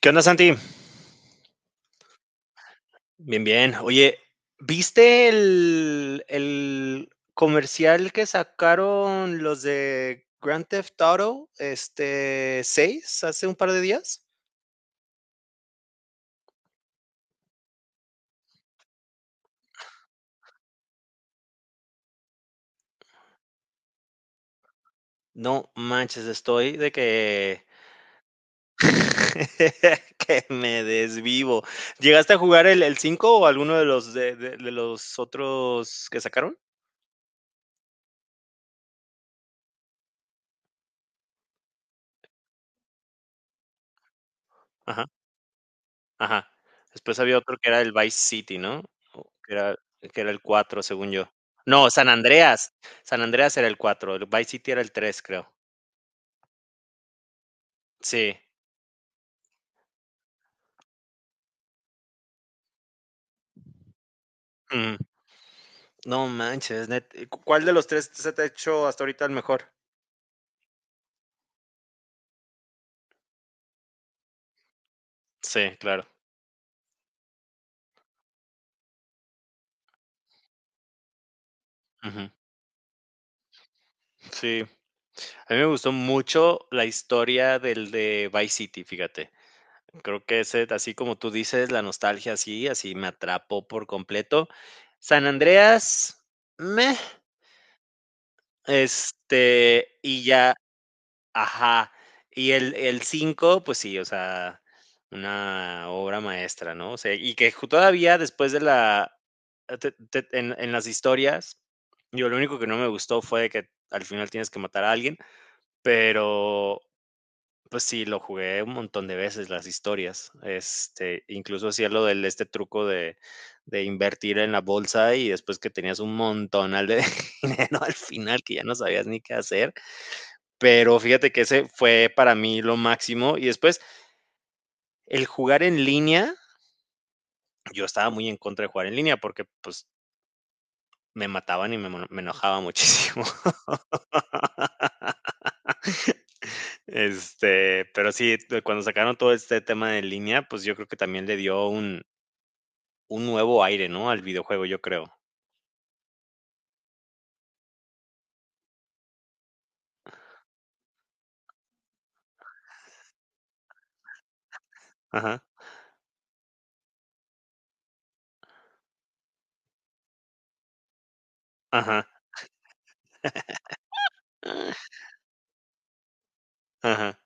¿Qué onda, Santi? Bien, bien. Oye, ¿viste el comercial que sacaron los de Grand Theft Auto este 6, hace un par de días? No manches, que me desvivo. ¿Llegaste a jugar el 5 o alguno de los de los otros que sacaron? Ajá. Ajá. Después había otro que era el Vice City, ¿no? O que era el 4, según yo. No, San Andreas. San Andreas era el 4. El Vice City era el tres, creo. Sí. Ujú. No manches, net. ¿Y ¿Cu cuál de los 3 se te ha hecho hasta ahorita el mejor? Sí, claro. Ujú. Sí. A mí me gustó mucho la historia del de Vice City, fíjate. Creo que ese, así como tú dices, la nostalgia, así así me atrapó por completo. San Andreas, meh. Y ya, ajá. Y el 5 pues sí, o sea, una obra maestra, ¿no? O sea, y que ju todavía después de la te en las historias, yo lo único que no me gustó fue de que al final tienes que matar a alguien, pero, pues sí, lo jugué un montón de veces las historias. Incluso hacía lo del truco de invertir en la bolsa y después que tenías un montonal de dinero al final que ya no sabías ni qué hacer, pero fíjate que ese fue para mí lo máximo. Y después, el jugar en línea, yo estaba muy en contra de jugar en línea porque pues me mataban y me enojaba muchísimo. Pero sí, de cuando sacaron todo este tema de línea, pues yo creo que también le dio un nuevo aire, ¿no? Al videojuego, yo creo. Ajá, ajá, ajá.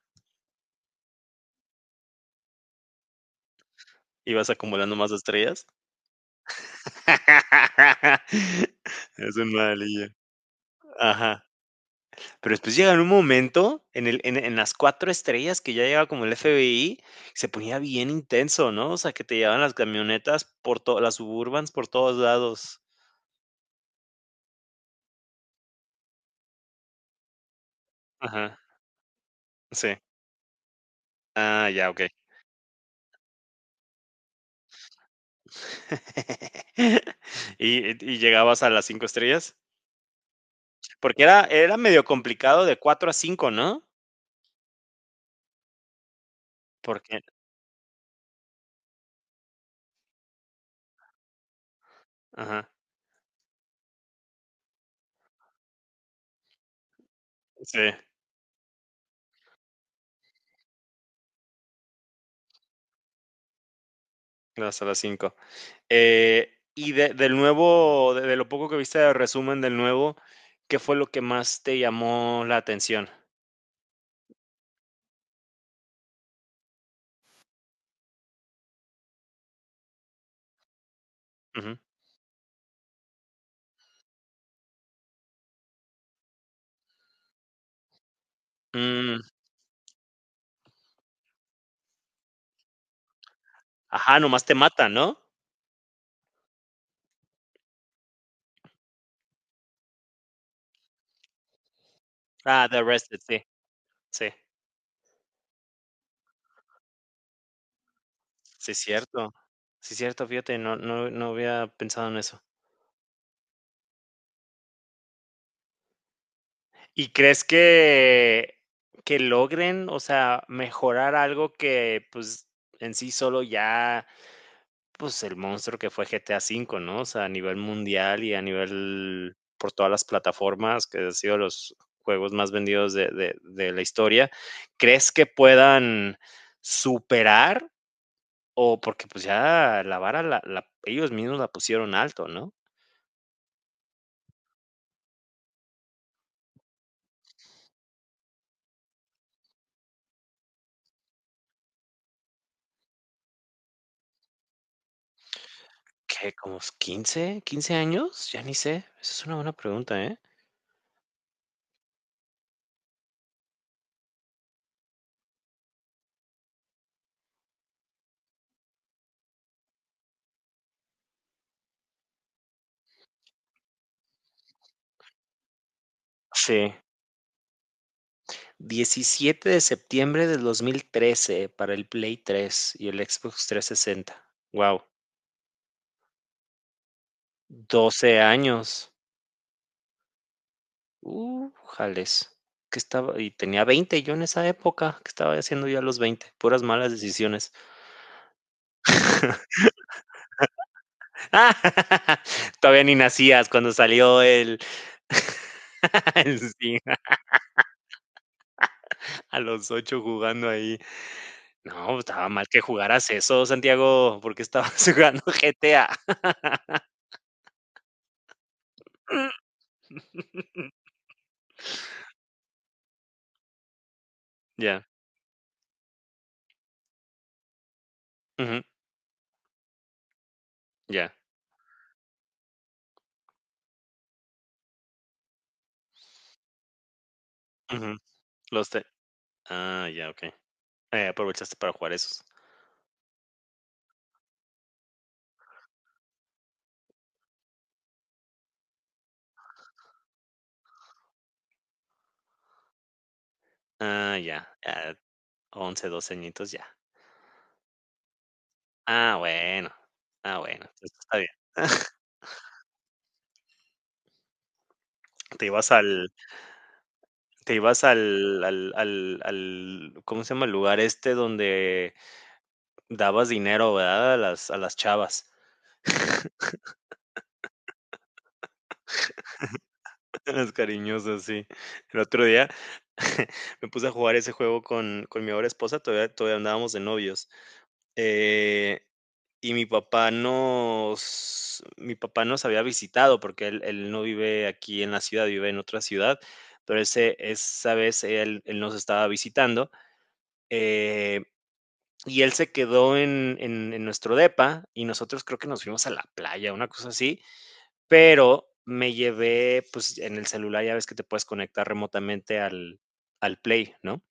Ibas acumulando más estrellas. Es un malillo. Ajá. Pero después llega un momento en el en las 4 estrellas que ya llegaba como el FBI, se ponía bien intenso, ¿no? O sea, que te llevaban las camionetas por todas las Suburbans por todos lados. Ajá, sí. Ah, ya, okey. ¿Y llegabas a las 5 estrellas? Porque era medio complicado de 4 a cinco, ¿no? Porque ajá, sí, llegabas a las cinco. Y del nuevo, de lo poco que viste de resumen del nuevo, ¿qué fue lo que más te llamó la atención? Ujú. Mm, ajá, nomás te matan, ¿no? Ah, The Arrested, sí, sí, sí, cierto. Sí, cierto, fíjate, no, no, no había pensado en eso. ¿Y crees que, logren, o sea, mejorar algo que, pues, en sí solo ya? Pues, el monstruo que fue GTA V, ¿no? O sea, a nivel mundial y a nivel por todas las plataformas, que ha sido los juegos más vendidos de la historia. ¿Crees que puedan superar? O porque, pues, ya la vara la ellos mismos la pusieron alto, ¿no? ¿Qué? ¿Como 15, 15 años? Ya ni sé. Esa es una buena pregunta, ¿eh? Sí. 17 de septiembre de 2013 para el Play 3 y el Xbox 360. Wow. 12 años. Jales. ¿Qué estaba? Y tenía 20 yo en esa época. ¿Qué estaba haciendo yo a los 20? Puras malas decisiones. Ah, todavía ni nacías cuando salió el, el sí, a los 8 jugando ahí. No, estaba mal que jugaras eso, Santiago, porque estabas jugando GTA. Ya, ujú, ya, ujú, los te ah, ya, okey. Aprovechaste para jugar esos. Ah, ya, ah, 11, 12 añitos, ya. Ah, bueno. Ah, bueno, eso está bien. Te ibas al te ibas al al al al, ¿cómo se llama? El lugar este donde dabas dinero, ¿verdad? a las chavas, las cariñosas, sí. El otro día me puse a jugar ese juego con mi ahora esposa, todavía andábamos de novios. Eh, y mi papá nos había visitado porque él no vive aquí en la ciudad, vive en otra ciudad, pero ese esa vez él nos estaba visitando, eh, y él se quedó en nuestro depa, y nosotros creo que nos fuimos a la playa, una cosa así, pero me llevé, pues, en el celular ya ves que te puedes conectar remotamente al Play, ¿no?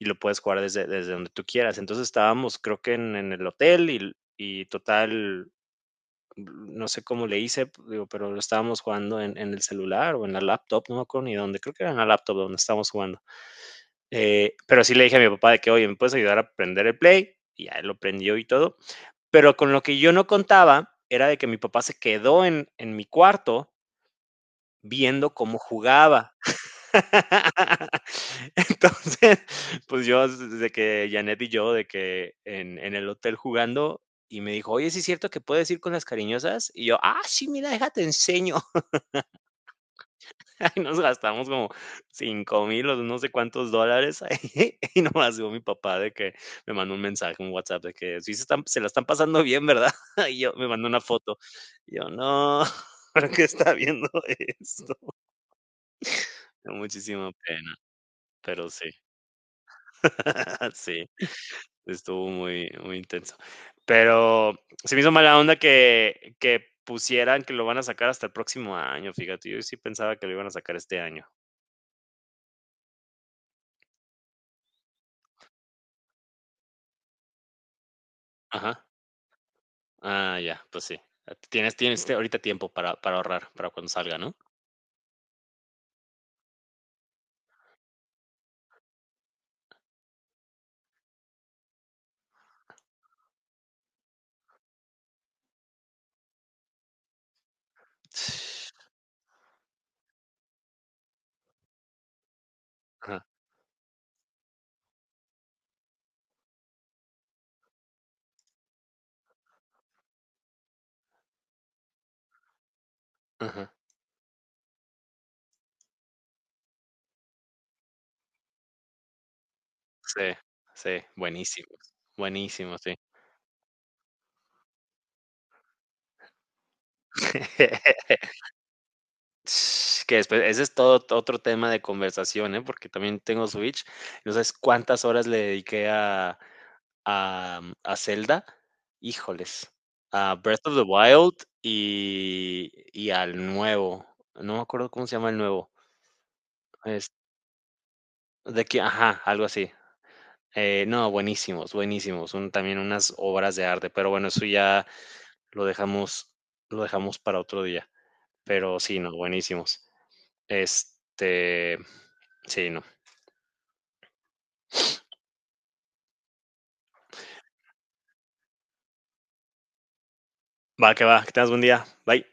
Y lo puedes jugar desde donde tú quieras. Entonces estábamos, creo que en el hotel y total, no sé cómo le hice, digo, pero lo estábamos jugando en el celular o en la laptop, no me acuerdo ni dónde, creo que era en la laptop donde estábamos jugando. Pero sí le dije a mi papá de que, oye, ¿me puedes ayudar a prender el play? Y ya lo prendió y todo. Pero con lo que yo no contaba era de que mi papá se quedó en mi cuarto viendo cómo jugaba. Entonces, pues yo, desde que Janet y yo, de que en el hotel jugando, y me dijo, oye, ¿sí es cierto que puedes ir con las cariñosas? Y yo, ah, sí, mira, déjate enseño. Y nos gastamos como 5.000 o no sé cuántos dólares ahí. Y nomás digo mi papá de que me mandó un mensaje, un WhatsApp, de que sí se, están, se la están pasando bien, ¿verdad? Y yo me mandó una foto. Y yo, no, ¿por qué está viendo esto? Muchísima pena, pero sí. Sí. Estuvo muy, muy intenso. Pero se me hizo mala onda que, pusieran que lo van a sacar hasta el próximo año, fíjate. Yo sí pensaba que lo iban a sacar este año. Ajá. Ah, ya, pues sí. Ah, tienes ahorita tiempo para ahorrar, para cuando salga, ¿no? Ajá, ajá. Sí, sí, buenísimo. Buenísimo, sí. Que después, ese es todo otro tema de conversación, ¿eh? Porque también tengo Switch. No sabes cuántas horas le dediqué a Zelda, híjoles, a Breath of the Wild y al nuevo, no me acuerdo cómo se llama el nuevo, es de que ajá, algo así. No, buenísimos, buenísimos, son también unas obras de arte, pero bueno, eso ya lo dejamos lo dejamos para otro día, pero sí, no, buenísimos. Este, sí, no. Va, que tengas buen día. Bye.